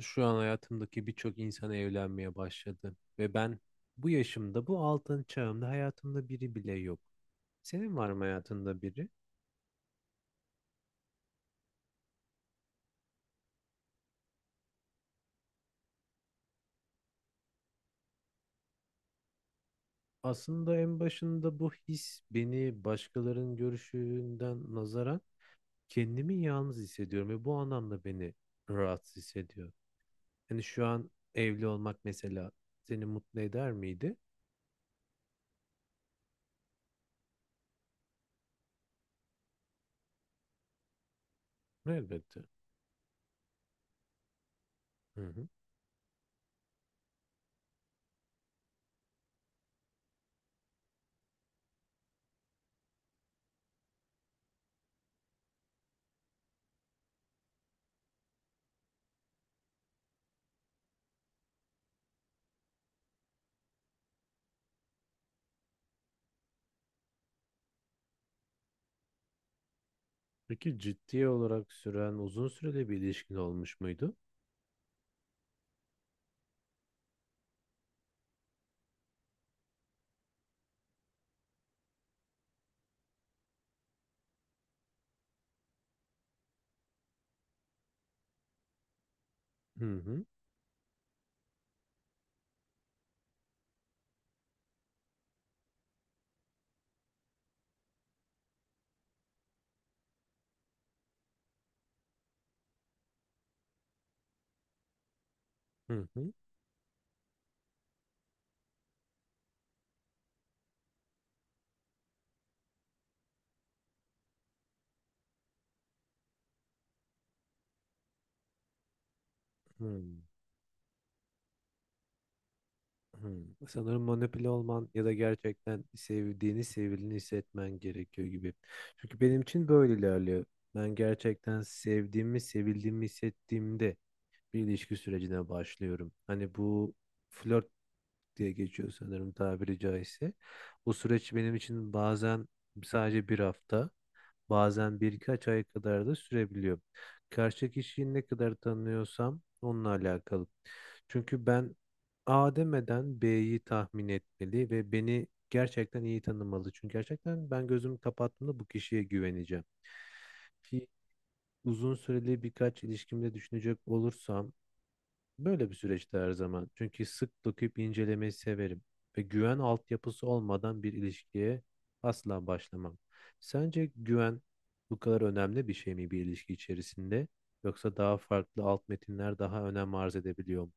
Şu an hayatımdaki birçok insan evlenmeye başladı ve ben bu yaşımda, bu altın çağımda hayatımda biri bile yok. Senin var mı hayatında biri? Aslında en başında bu his beni başkalarının görüşünden nazaran kendimi yalnız hissediyorum ve bu anlamda beni rahatsız hissediyor. Hani şu an evli olmak mesela seni mutlu eder miydi? Elbette. Hı hı. Peki ciddi olarak süren uzun süreli bir ilişkin olmuş muydu? Hı hı. Hı hı. Hı. Hmm. Sanırım manipüle olman ya da gerçekten sevdiğini, sevildiğini hissetmen gerekiyor gibi. Çünkü benim için böyle ilerliyor. Ben gerçekten sevdiğimi, sevildiğimi hissettiğimde bir ilişki sürecine başlıyorum. Hani bu flört diye geçiyor sanırım tabiri caizse. Bu süreç benim için bazen sadece bir hafta. Bazen birkaç ay kadar da sürebiliyor. Karşı kişiyi ne kadar tanıyorsam onunla alakalı. Çünkü ben A demeden B'yi tahmin etmeli ve beni gerçekten iyi tanımalı. Çünkü gerçekten ben gözümü kapattığımda bu kişiye güveneceğim. Ki uzun süreli birkaç ilişkimde düşünecek olursam böyle bir süreçte her zaman. Çünkü sık dokuyup incelemeyi severim ve güven altyapısı olmadan bir ilişkiye asla başlamam. Sence güven bu kadar önemli bir şey mi bir ilişki içerisinde? Yoksa daha farklı alt metinler daha önem arz edebiliyor mu?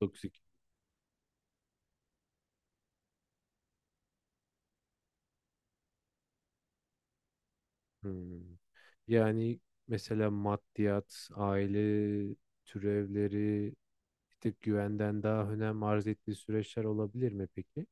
Toksik. Hmm. Yani mesela maddiyat, aile türevleri bir tık güvenden daha önem arz ettiği süreçler olabilir mi peki?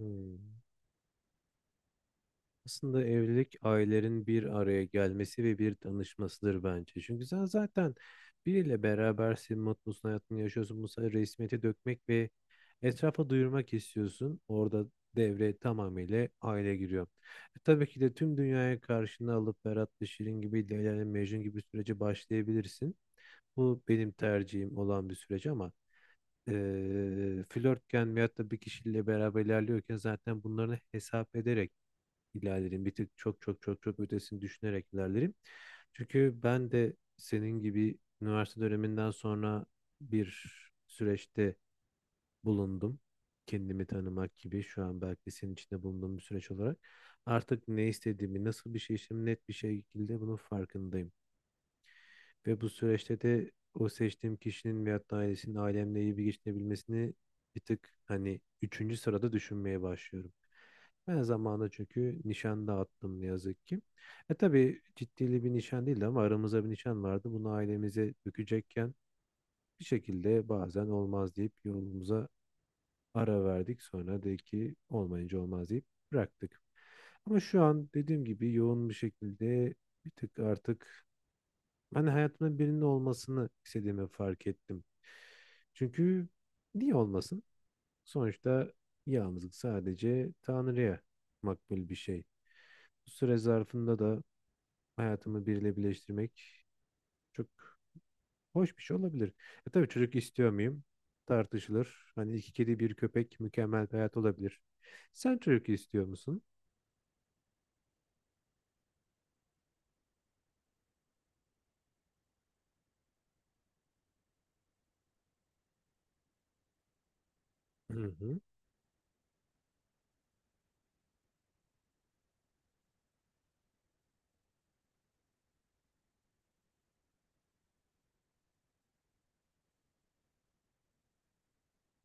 Hmm. Aslında evlilik ailelerin bir araya gelmesi ve bir tanışmasıdır bence. Çünkü sen zaten biriyle berabersin, mutlusun, hayatını yaşıyorsun. Bu sefer resmiyete dökmek ve etrafa duyurmak istiyorsun. Orada devre tamamıyla aile giriyor. E, tabii ki de tüm dünyaya karşına alıp Berat Şirin gibi, Leyla ile Mecnun gibi sürece başlayabilirsin. Bu benim tercihim olan bir süreç ama flörtken veyahut da bir kişiyle beraber ilerliyorken zaten bunları hesap ederek ilerlerim. Bir tık çok çok çok çok ötesini düşünerek ilerlerim. Çünkü ben de senin gibi üniversite döneminden sonra bir süreçte bulundum. Kendimi tanımak gibi şu an belki senin içinde bulunduğum bir süreç olarak. Artık ne istediğimi, nasıl bir şey istediğimi net bir şekilde bunun farkındayım. Ve bu süreçte de o seçtiğim kişinin veyahut da ailesinin ailemle iyi bir geçinebilmesini bir tık hani üçüncü sırada düşünmeye başlıyorum. Ben zamanında çünkü nişan dağıttım ne yazık ki. E tabii ciddili bir nişan değildi ama aramızda bir nişan vardı. Bunu ailemize dökecekken bir şekilde bazen olmaz deyip yolumuza ara verdik. Sonra de ki olmayınca olmaz deyip bıraktık. Ama şu an dediğim gibi yoğun bir şekilde bir tık artık ben hayatımda birinin olmasını istediğimi fark ettim. Çünkü niye olmasın? Sonuçta yalnızlık sadece Tanrı'ya makbul bir şey. Bu süre zarfında da hayatımı biriyle birleştirmek çok hoş bir şey olabilir. E tabii çocuk istiyor muyum? Tartışılır. Hani iki kedi bir köpek mükemmel bir hayat olabilir. Sen çocuk istiyor musun? Hı hı,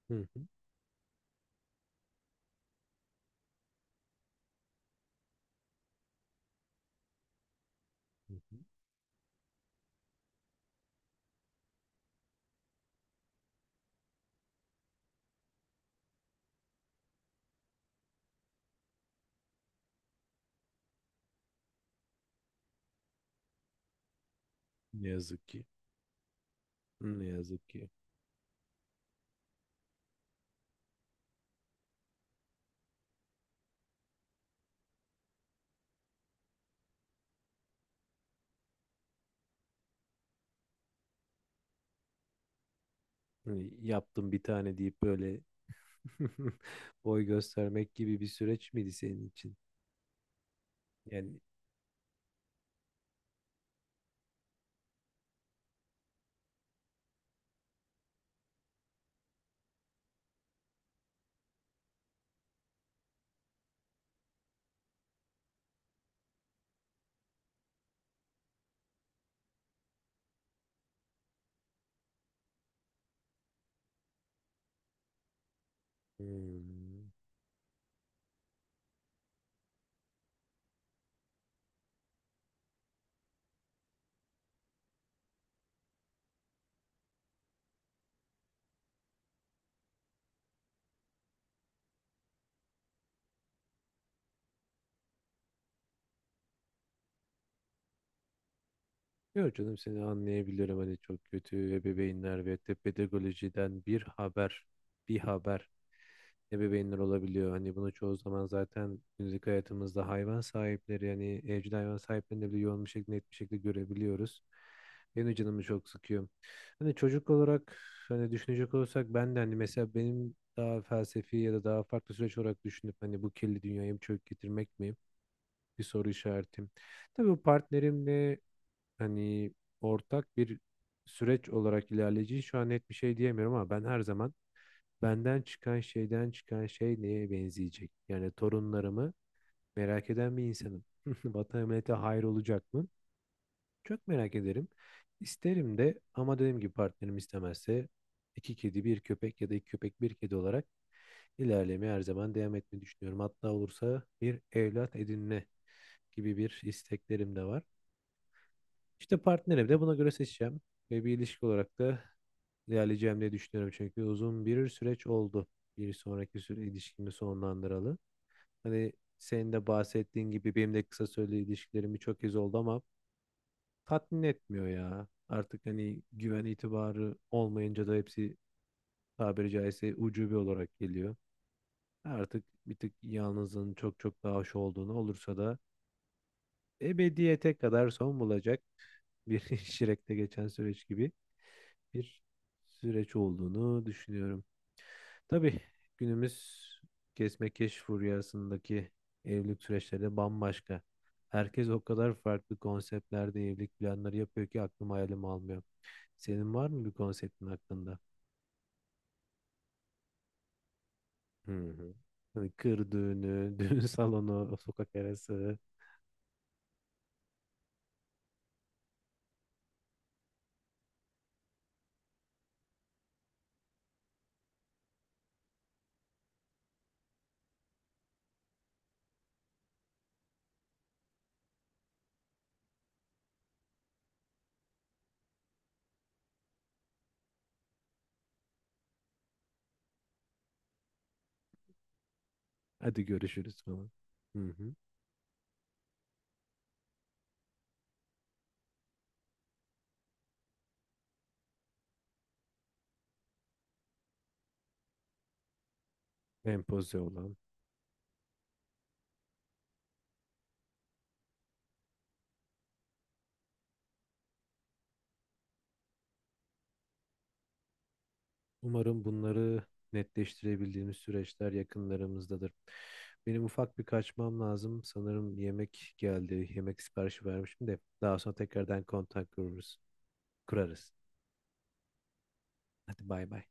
hı hı, hı hı. Ne yazık ki. Ne yazık ki. Hani yaptım bir tane deyip böyle. Boy göstermek gibi bir süreç miydi senin için? Yani hmm. Yok canım, seni anlayabilirim. Hani çok kötü ebeveynler ve de pedagojiden bir haber ebeveynler olabiliyor. Hani bunu çoğu zaman zaten günlük hayatımızda hayvan sahipleri, yani evcil hayvan sahiplerinde bile yoğun bir şekilde net bir şekilde görebiliyoruz. Benim de canımı çok sıkıyor. Hani çocuk olarak hani düşünecek olursak, ben de hani mesela benim daha felsefi ya da daha farklı süreç olarak düşünüp hani bu kirli dünyaya bir çök getirmek mi? Bir soru işaretim. Tabii bu partnerimle hani ortak bir süreç olarak ilerleyeceği şu an net bir şey diyemiyorum ama ben her zaman benden çıkan şey neye benzeyecek? Yani torunlarımı merak eden bir insanım. Vatan millete hayır olacak mı? Çok merak ederim. İsterim de ama dediğim gibi partnerim istemezse iki kedi bir köpek ya da iki köpek bir kedi olarak ilerlemeye her zaman devam etmeyi düşünüyorum. Hatta olursa bir evlat edinme gibi bir isteklerim de var. İşte partnerimi de buna göre seçeceğim ve bir ilişki olarak da ilerleyeceğim diye düşünüyorum. Çünkü uzun bir süreç oldu. Bir sonraki süre ilişkimi sonlandıralı. Hani senin de bahsettiğin gibi benim de kısa süreli ilişkilerim birçok kez oldu ama tatmin etmiyor ya. Artık hani güven itibarı olmayınca da hepsi tabiri caizse ucube olarak geliyor. Artık bir tık yalnızlığın çok çok daha hoş olduğunu, olursa da ebediyete kadar son bulacak bir Şirek'te geçen süreç gibi bir süreç olduğunu düşünüyorum. Tabii günümüz kesme-keş furyasındaki evlilik süreçleri de bambaşka. Herkes o kadar farklı konseptlerde evlilik planları yapıyor ki aklım hayalim almıyor. Senin var mı bir konseptin hakkında? Hı hı. Hani kır düğünü, düğün salonu, sokak arası, hadi görüşürüz falan. Hı hı. Empoze olan. Umarım bunları netleştirebildiğimiz süreçler yakınlarımızdadır. Benim ufak bir kaçmam lazım. Sanırım yemek geldi. Yemek siparişi vermişim de daha sonra tekrardan kontak kurarız. Hadi bay bay.